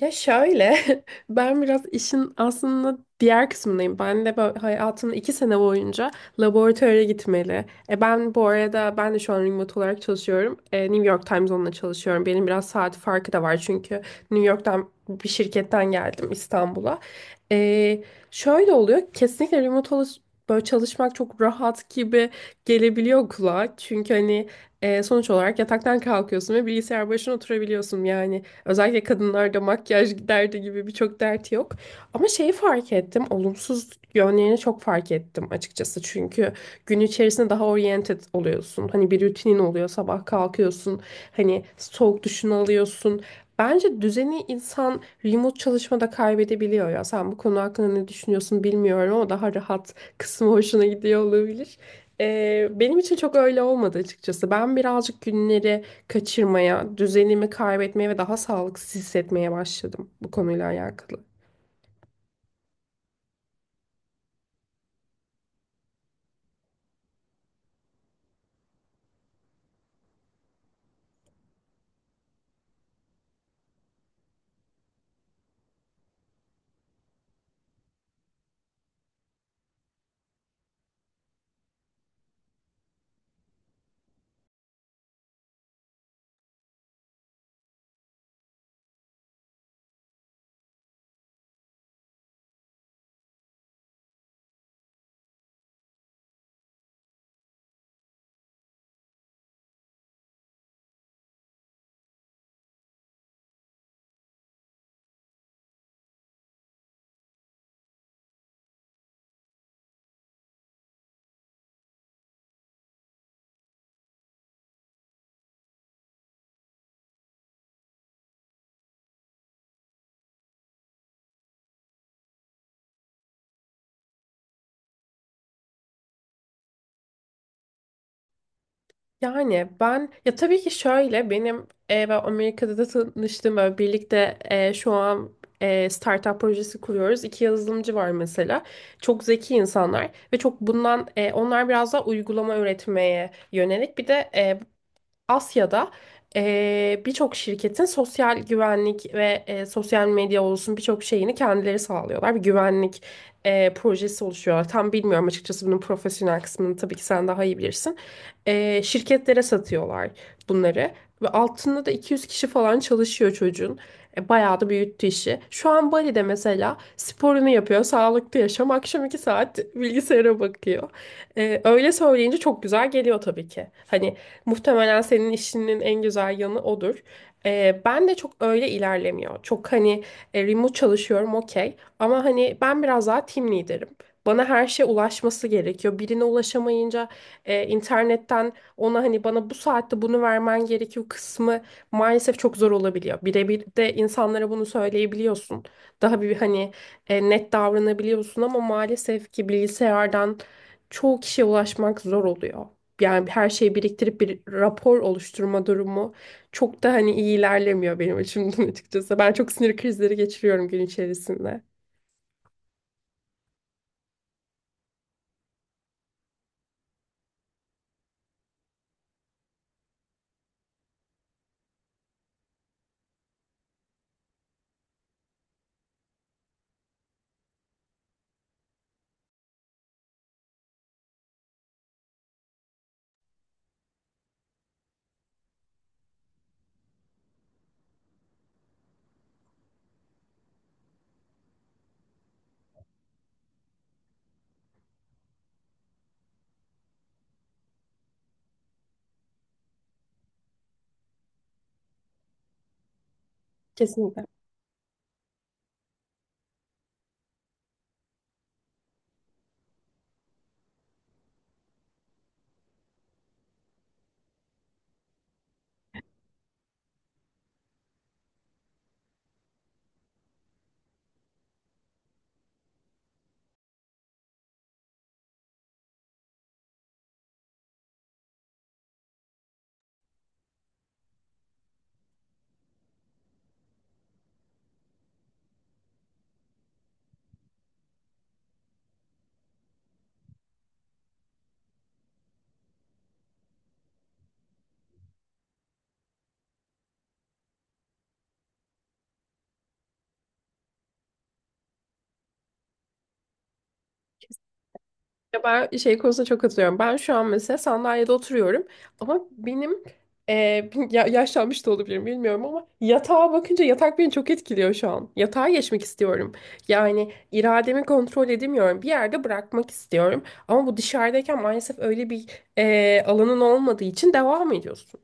Ya şöyle, ben biraz işin aslında diğer kısmındayım. Ben de böyle hayatımın 2 sene boyunca laboratuvara gitmeli. Ben bu arada ben de şu an remote olarak çalışıyorum. New York Time Zone'la çalışıyorum. Benim biraz saat farkı da var çünkü New York'tan bir şirketten geldim İstanbul'a. E, şöyle oluyor, kesinlikle böyle çalışmak çok rahat gibi gelebiliyor kulağa. Çünkü hani sonuç olarak yataktan kalkıyorsun ve bilgisayar başına oturabiliyorsun yani. Özellikle kadınlarda makyaj derdi gibi birçok dert yok. Ama şeyi fark ettim. Olumsuz yönlerini çok fark ettim açıkçası. Çünkü gün içerisinde daha oriented oluyorsun. Hani bir rutinin oluyor. Sabah kalkıyorsun. Hani soğuk duşunu alıyorsun. Bence düzeni insan remote çalışmada kaybedebiliyor ya. Sen bu konu hakkında ne düşünüyorsun bilmiyorum ama daha rahat kısmı hoşuna gidiyor olabilir. Benim için çok öyle olmadı açıkçası. Ben birazcık günleri kaçırmaya, düzenimi kaybetmeye ve daha sağlıksız hissetmeye başladım bu konuyla alakalı. Yani ben ya tabii ki şöyle benim ben Amerika'da da tanıştığım böyle birlikte şu an startup projesi kuruyoruz. İki yazılımcı var mesela. Çok zeki insanlar ve çok bundan onlar biraz daha uygulama üretmeye yönelik bir de Asya'da birçok şirketin sosyal güvenlik ve sosyal medya olsun birçok şeyini kendileri sağlıyorlar. Bir güvenlik projesi oluşuyorlar. Tam bilmiyorum açıkçası bunun profesyonel kısmını tabii ki sen daha iyi bilirsin. Şirketlere satıyorlar bunları ve altında da 200 kişi falan çalışıyor çocuğun. Bayağı da büyüttü işi. Şu an Bali'de mesela sporunu yapıyor, sağlıklı yaşam. Akşam 2 saat bilgisayara bakıyor. Öyle söyleyince çok güzel geliyor tabii ki. Hani muhtemelen senin işinin en güzel yanı odur. Ben de çok öyle ilerlemiyor. Çok hani remote çalışıyorum okey. Ama hani ben biraz daha team leader'ım. Bana her şey ulaşması gerekiyor. Birine ulaşamayınca internetten ona hani bana bu saatte bunu vermen gerekiyor kısmı maalesef çok zor olabiliyor. Birebir de insanlara bunu söyleyebiliyorsun. Daha bir hani net davranabiliyorsun ama maalesef ki bilgisayardan çoğu kişiye ulaşmak zor oluyor yani her şeyi biriktirip bir rapor oluşturma durumu çok da hani iyi ilerlemiyor benim açımdan açıkçası. Ben çok sinir krizleri geçiriyorum gün içerisinde. Kesinlikle. Ya ben şey konusunda çok katılıyorum. Ben şu an mesela sandalyede oturuyorum ama benim e, yaşlanmış da olabilirim bilmiyorum ama yatağa bakınca yatak beni çok etkiliyor şu an. Yatağa geçmek istiyorum. Yani irademi kontrol edemiyorum. Bir yerde bırakmak istiyorum ama bu dışarıdayken maalesef öyle bir alanın olmadığı için devam ediyorsun.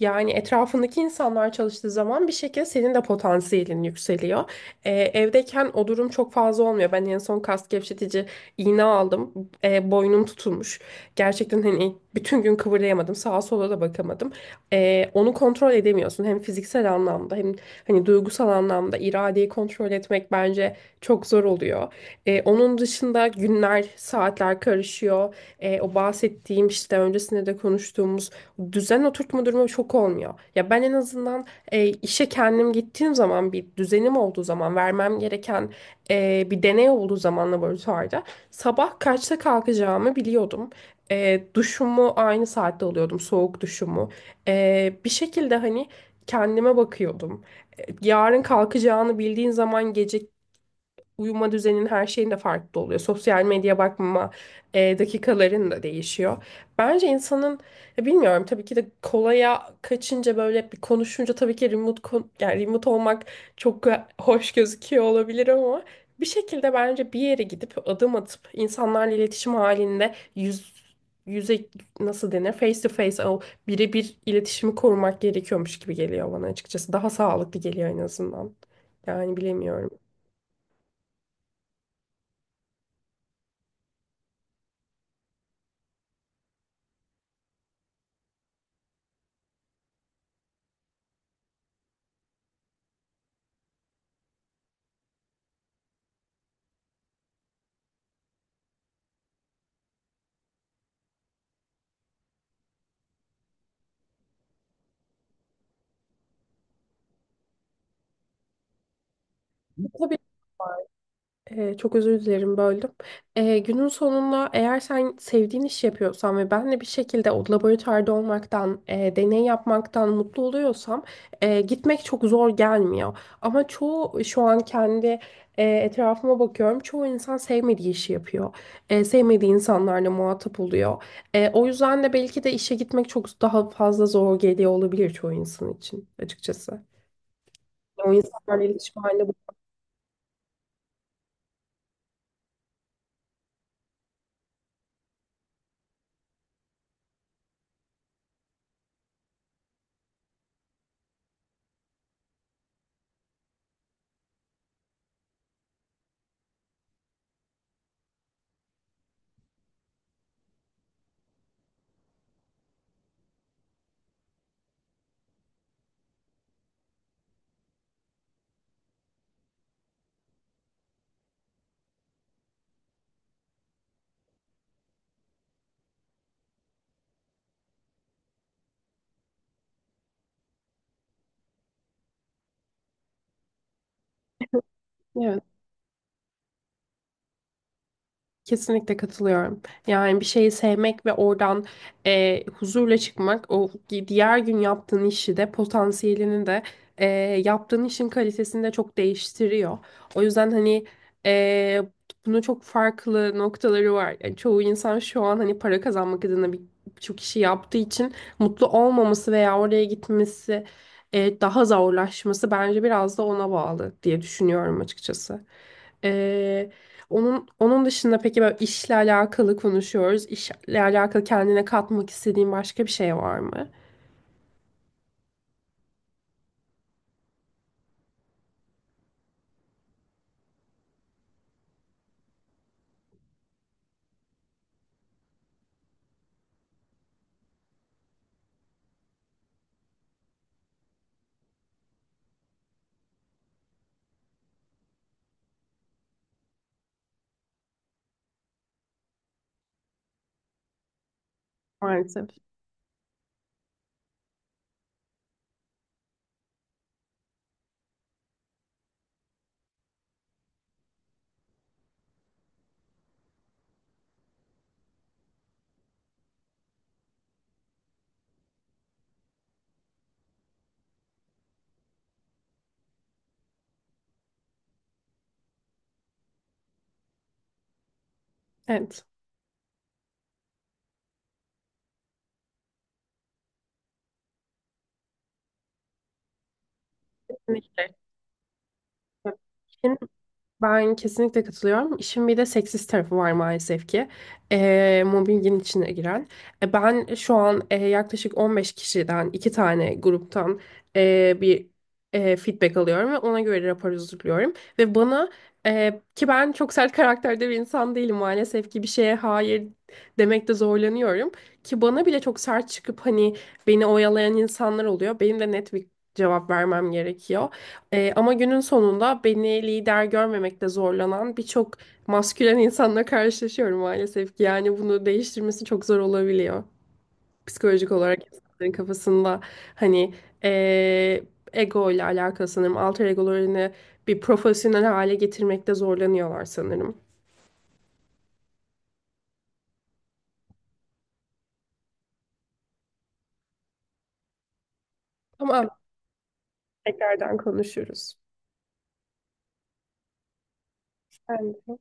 Yani etrafındaki insanlar çalıştığı zaman bir şekilde senin de potansiyelin yükseliyor. Evdeyken o durum çok fazla olmuyor. Ben en son kas gevşetici iğne aldım. Boynum tutulmuş. Gerçekten hani bütün gün kıvırlayamadım. Sağa sola da bakamadım. Onu kontrol edemiyorsun. Hem fiziksel anlamda hem hani duygusal anlamda iradeyi kontrol etmek bence çok zor oluyor. Onun dışında günler, saatler karışıyor. O bahsettiğim işte öncesinde de konuştuğumuz düzen oturtma durumu çok olmuyor. Ya ben en azından işe kendim gittiğim zaman bir düzenim olduğu zaman vermem gereken bir deney olduğu zaman laboratuvarda sabah kaçta kalkacağımı biliyordum. Duşumu aynı saatte alıyordum soğuk duşumu. Bir şekilde hani kendime bakıyordum. Yarın kalkacağını bildiğin zaman gece uyuma düzenin her şeyin de farklı oluyor. Sosyal medya bakma dakikaların da değişiyor. Bence insanın ya bilmiyorum tabii ki de kolaya kaçınca böyle bir konuşunca tabii ki yani remote olmak çok hoş gözüküyor olabilir ama bir şekilde bence bir yere gidip adım atıp insanlarla iletişim halinde yüz yüze nasıl denir face to face o birebir iletişimi korumak gerekiyormuş gibi geliyor bana açıkçası. Daha sağlıklı geliyor en azından. Yani bilemiyorum. Çok özür dilerim böldüm. Günün sonunda eğer sen sevdiğin iş yapıyorsan ve ben de bir şekilde o laboratuvarda olmaktan, deney yapmaktan mutlu oluyorsam gitmek çok zor gelmiyor. Ama çoğu şu an kendi etrafıma bakıyorum. Çoğu insan sevmediği işi yapıyor. Sevmediği insanlarla muhatap oluyor. O yüzden de belki de işe gitmek çok daha fazla zor geliyor olabilir çoğu insan için açıkçası. O insanlarla iletişim halinde. Kesinlikle katılıyorum. Yani bir şeyi sevmek ve oradan huzurla çıkmak, diğer gün yaptığın işi de potansiyelini de e, yaptığın işin kalitesini de çok değiştiriyor. O yüzden hani e, bunun çok farklı noktaları var. Yani çoğu insan şu an hani para kazanmak adına birçok işi yaptığı için mutlu olmaması veya oraya gitmesi daha zorlaşması bence biraz da ona bağlı diye düşünüyorum açıkçası. Onun dışında peki böyle işle alakalı konuşuyoruz. İşle alakalı kendine katmak istediğin başka bir şey var mı? Maalesef. Evet. Kesinlikle. Ben kesinlikle katılıyorum. İşin bir de seksist tarafı var maalesef ki. Mobbingin içine giren. Ben şu an yaklaşık 15 kişiden iki tane gruptan bir feedback alıyorum ve ona göre rapor hazırlıyorum. Ve bana ki ben çok sert karakterde bir insan değilim maalesef ki bir şeye hayır demekte zorlanıyorum. Ki bana bile çok sert çıkıp hani beni oyalayan insanlar oluyor. Benim de net bir cevap vermem gerekiyor. Ama günün sonunda beni lider görmemekte zorlanan birçok maskülen insanla karşılaşıyorum maalesef ki. Yani bunu değiştirmesi çok zor olabiliyor. Psikolojik olarak insanların kafasında hani ee, ego ile alakalı sanırım. Alter egolarını bir profesyonel hale getirmekte zorlanıyorlar sanırım. Ama tekrardan konuşuruz. Ben